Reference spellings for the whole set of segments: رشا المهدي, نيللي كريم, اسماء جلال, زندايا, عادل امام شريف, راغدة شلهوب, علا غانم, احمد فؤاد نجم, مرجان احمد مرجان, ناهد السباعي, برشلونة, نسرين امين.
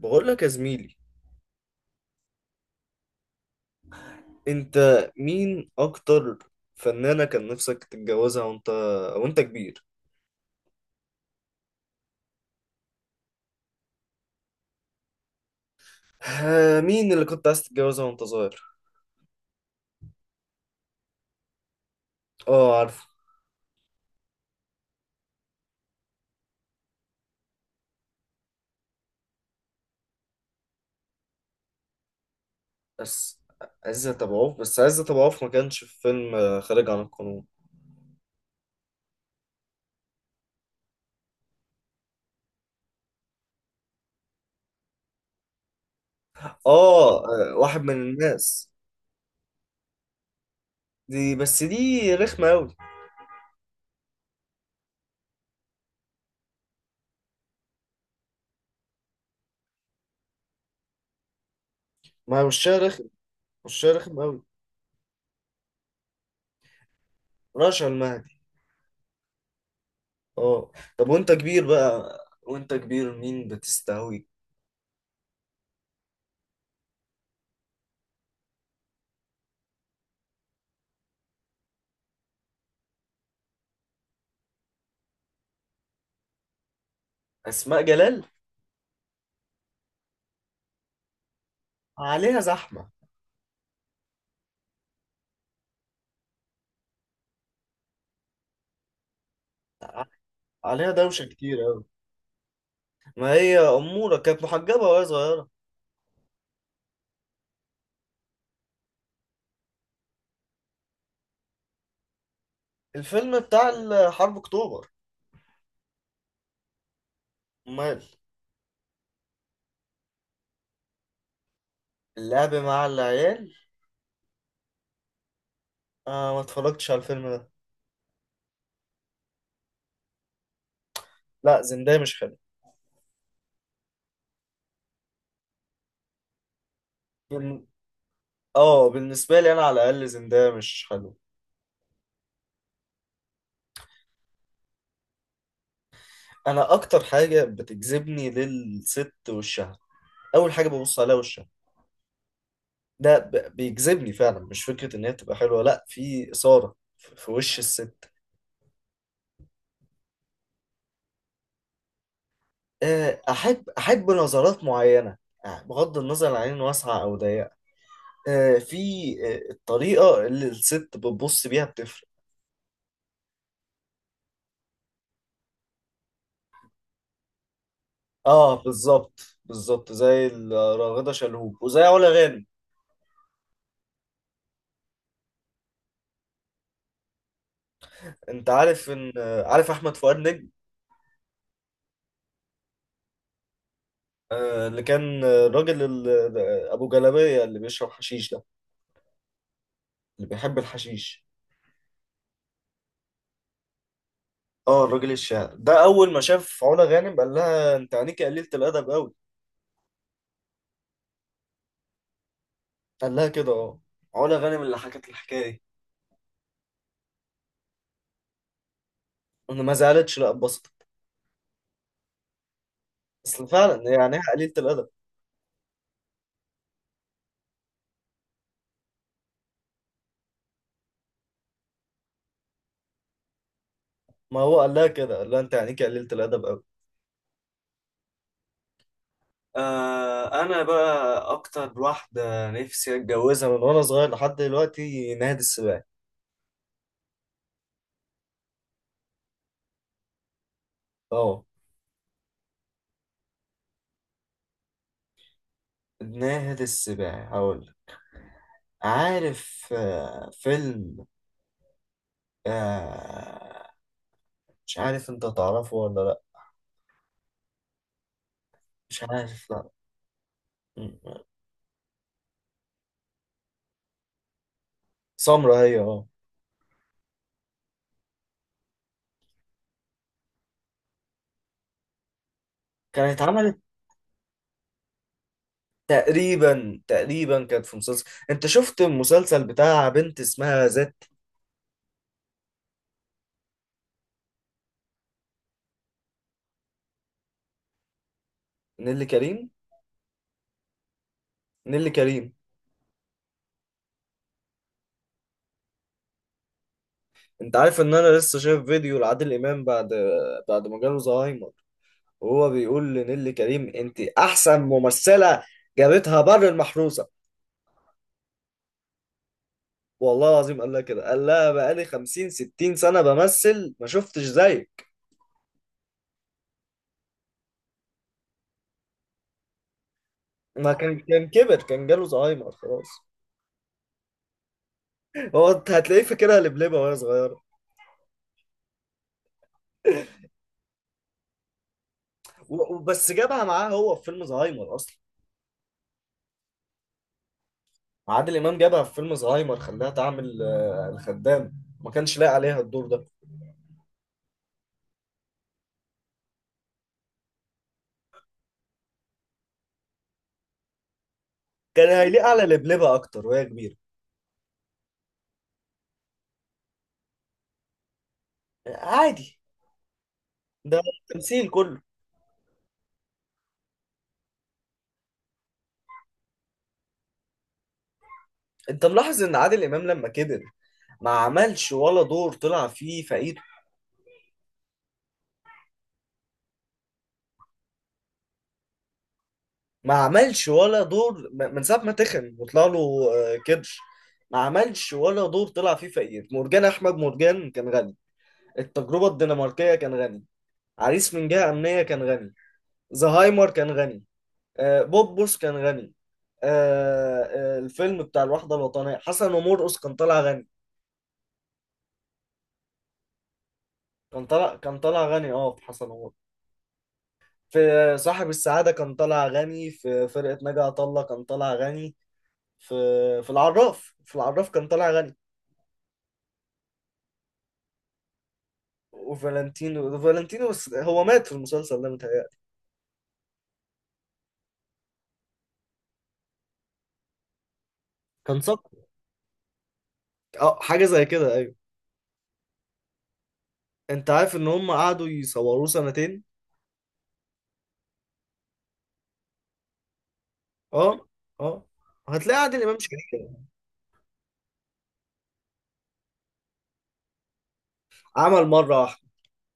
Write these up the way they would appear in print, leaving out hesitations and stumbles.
بقول لك يا زميلي، انت مين اكتر فنانة كان نفسك تتجوزها وانت وانت كبير؟ مين اللي كنت عايز تتجوزها وانت صغير؟ اه عارفه. بس عزت ابو عوف، ما كانش في فيلم خارج عن القانون. واحد من الناس. دي، بس دي رخمة قوي. ما هو وشها رخم، وشها رخم قوي. رشا المهدي. اه. طب وانت كبير بقى، وانت كبير مين بتستهوي؟ اسماء جلال. عليها زحمة، عليها دوشة كتير أوي. ما هي أمورة، كانت محجبة وهي صغيرة. الفيلم بتاع حرب أكتوبر؟ أمال؟ اللعب مع العيال. آه، ما اتفرجتش على الفيلم ده. لا، زندايا مش حلو. بال- اه، بالنسبة لي أنا على الأقل زندايا مش حلو. أنا أكتر حاجة بتجذبني للست وشها، أول حاجة ببص عليها وشها. بيجذبني فعلا، مش فكرة إن هي تبقى حلوة، لا، في إثارة في وش الست. أحب نظرات معينة، بغض النظر عن عين واسعة أو ضيقة. آه، في آه، الطريقة اللي الست بتبص بيها بتفرق. اه بالظبط، بالظبط زي راغدة شلهوب وزي علا غانم. انت عارف ان عارف احمد فؤاد نجم؟ آه، اللي كان آه، الراجل ال- آه، ابو جلابية اللي بيشرب حشيش ده، اللي بيحب الحشيش. اه الراجل الشاعر ده اول ما شاف علا غانم قال لها انت عينيكي قليلة الادب قوي. قال لها كده، اه. علا غانم اللي حكت الحكاية دي. انا ما زعلتش، لا اتبسطت. اصل فعلا يعني إيه قليلة الادب؟ ما هو قال لها كده، قال لها انت عينيكي قليلة الادب قوي. آه، انا بقى اكتر واحده نفسي اتجوزها من وانا صغير لحد دلوقتي ناهد السباعي. اه، ناهد السباعي هقول لك. عارف آه فيلم، آه مش عارف انت تعرفه ولا لا، مش عارف لا. م- سمرة هي، اه. كانت اتعملت تقريبا، كانت في مسلسل. انت شفت المسلسل بتاع بنت اسمها ذات؟ نيللي كريم. نيللي كريم. انت عارف ان انا لسه شايف فيديو لعادل امام بعد ما جاله زهايمر وهو بيقول لنيللي كريم انت احسن ممثله، جابتها بر المحروسه. والله العظيم قال لها كده، قال لها بقالي 50 60 سنه بمثل ما شفتش زيك. ما كان كبر، كان جاله زهايمر خلاص. هو انت هتلاقيه فاكرها لبلبه وهي صغيره. وبس جابها معاه هو في فيلم زهايمر اصلا. عادل امام جابها في فيلم زهايمر، خلاها تعمل الخدام، ما كانش لايق عليها الدور ده. كان هيليق على لبلبه اكتر وهي كبيره. عادي، ده التمثيل كله. انت ملاحظ ان عادل امام لما كبر ما عملش ولا دور طلع فيه فقير. ما عملش ولا دور من ساعه ما تخن وطلع له كرش. ما عملش ولا دور طلع فيه فقير. مرجان احمد مرجان كان غني، التجربه الدنماركيه كان غني، عريس من جهه امنيه كان غني، زهايمر كان غني، بوبوس كان غني، آه، الفيلم بتاع الوحده الوطنيه حسن ومرقص كان طالع غني. كان طالع غني اه في حسن ومرقص. في صاحب السعادة كان طالع غني، في فرقة ناجي عطا الله كان طالع غني، في في العراف في العراف كان طالع غني. وفالنتينو، بس هو مات في المسلسل ده متهيألي. كان سقط. اه حاجة زي كده، ايوه. انت عارف ان هم قعدوا يصوروه سنتين. اه. اه هتلاقي عادل امام شريف. عمل مرة واحدة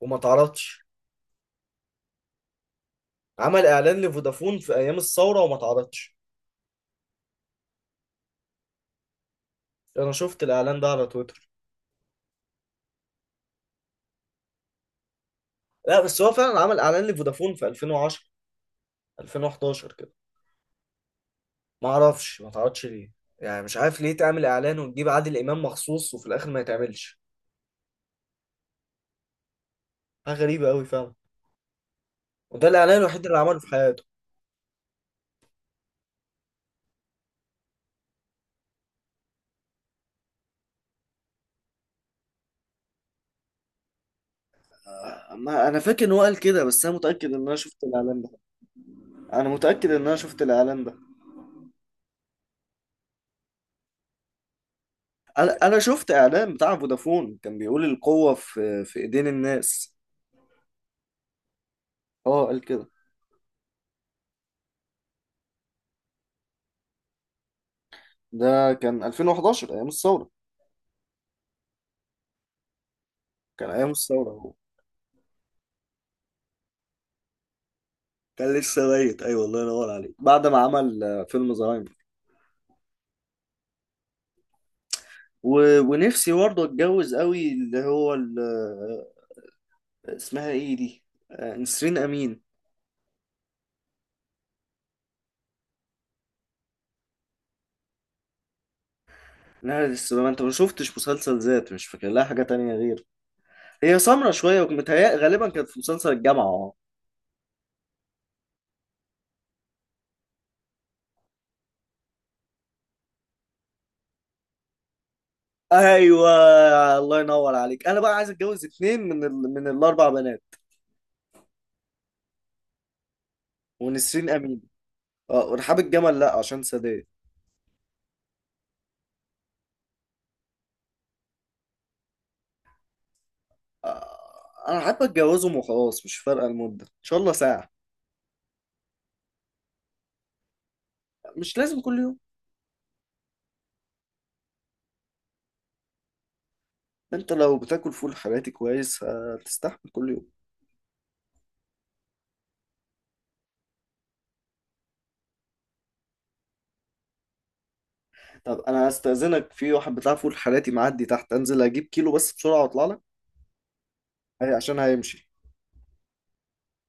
وما اتعرضش. عمل اعلان لفودافون في ايام الثورة وما اتعرضش. انا شفت الاعلان ده على تويتر. لا، بس هو فعلا عمل اعلان لفودافون في 2010، 2011. ما اعرفش ما تعرضش ليه. يعني مش عارف ليه تعمل اعلان وتجيب عادل امام مخصوص وفي الاخر ما يتعملش. حاجه غريبه قوي فعلا. وده الاعلان الوحيد اللي عمله في حياته. ما انا فاكر ان هو قال كده، بس انا متاكد ان انا شفت الاعلان ده. انا متاكد ان انا شفت الاعلان ده انا شفت اعلان بتاع فودافون كان بيقول القوه في ايدين الناس. اه قال كده. ده كان 2011 ايام الثوره، كان ايام الثوره هو، كان لسه ميت. ايوه الله ينور عليك، بعد ما عمل فيلم زهايمر. و... ونفسي برضه اتجوز قوي اللي هو ال... اسمها ايه دي، نسرين امين. نهر السلامه، انت ما شفتش مسلسل ذات؟ مش فاكر لها حاجه تانية غير، هي سمرة شويه، ومتهيأ غالبا كانت في مسلسل الجامعه، اه. ايوه الله ينور عليك، انا بقى عايز اتجوز اتنين من ال... من الاربع بنات، ونسرين امين. اه ورحاب الجمل، لا عشان سادات. آه، انا حابب اتجوزهم وخلاص، مش فارقه المده ان شاء الله ساعه. مش لازم كل يوم. انت لو بتاكل فول حراتي كويس هتستحمل كل يوم. طب انا هستأذنك، في واحد بتاع فول حراتي معدي تحت، انزل اجيب كيلو بس بسرعة واطلع لك. عشان هيمشي.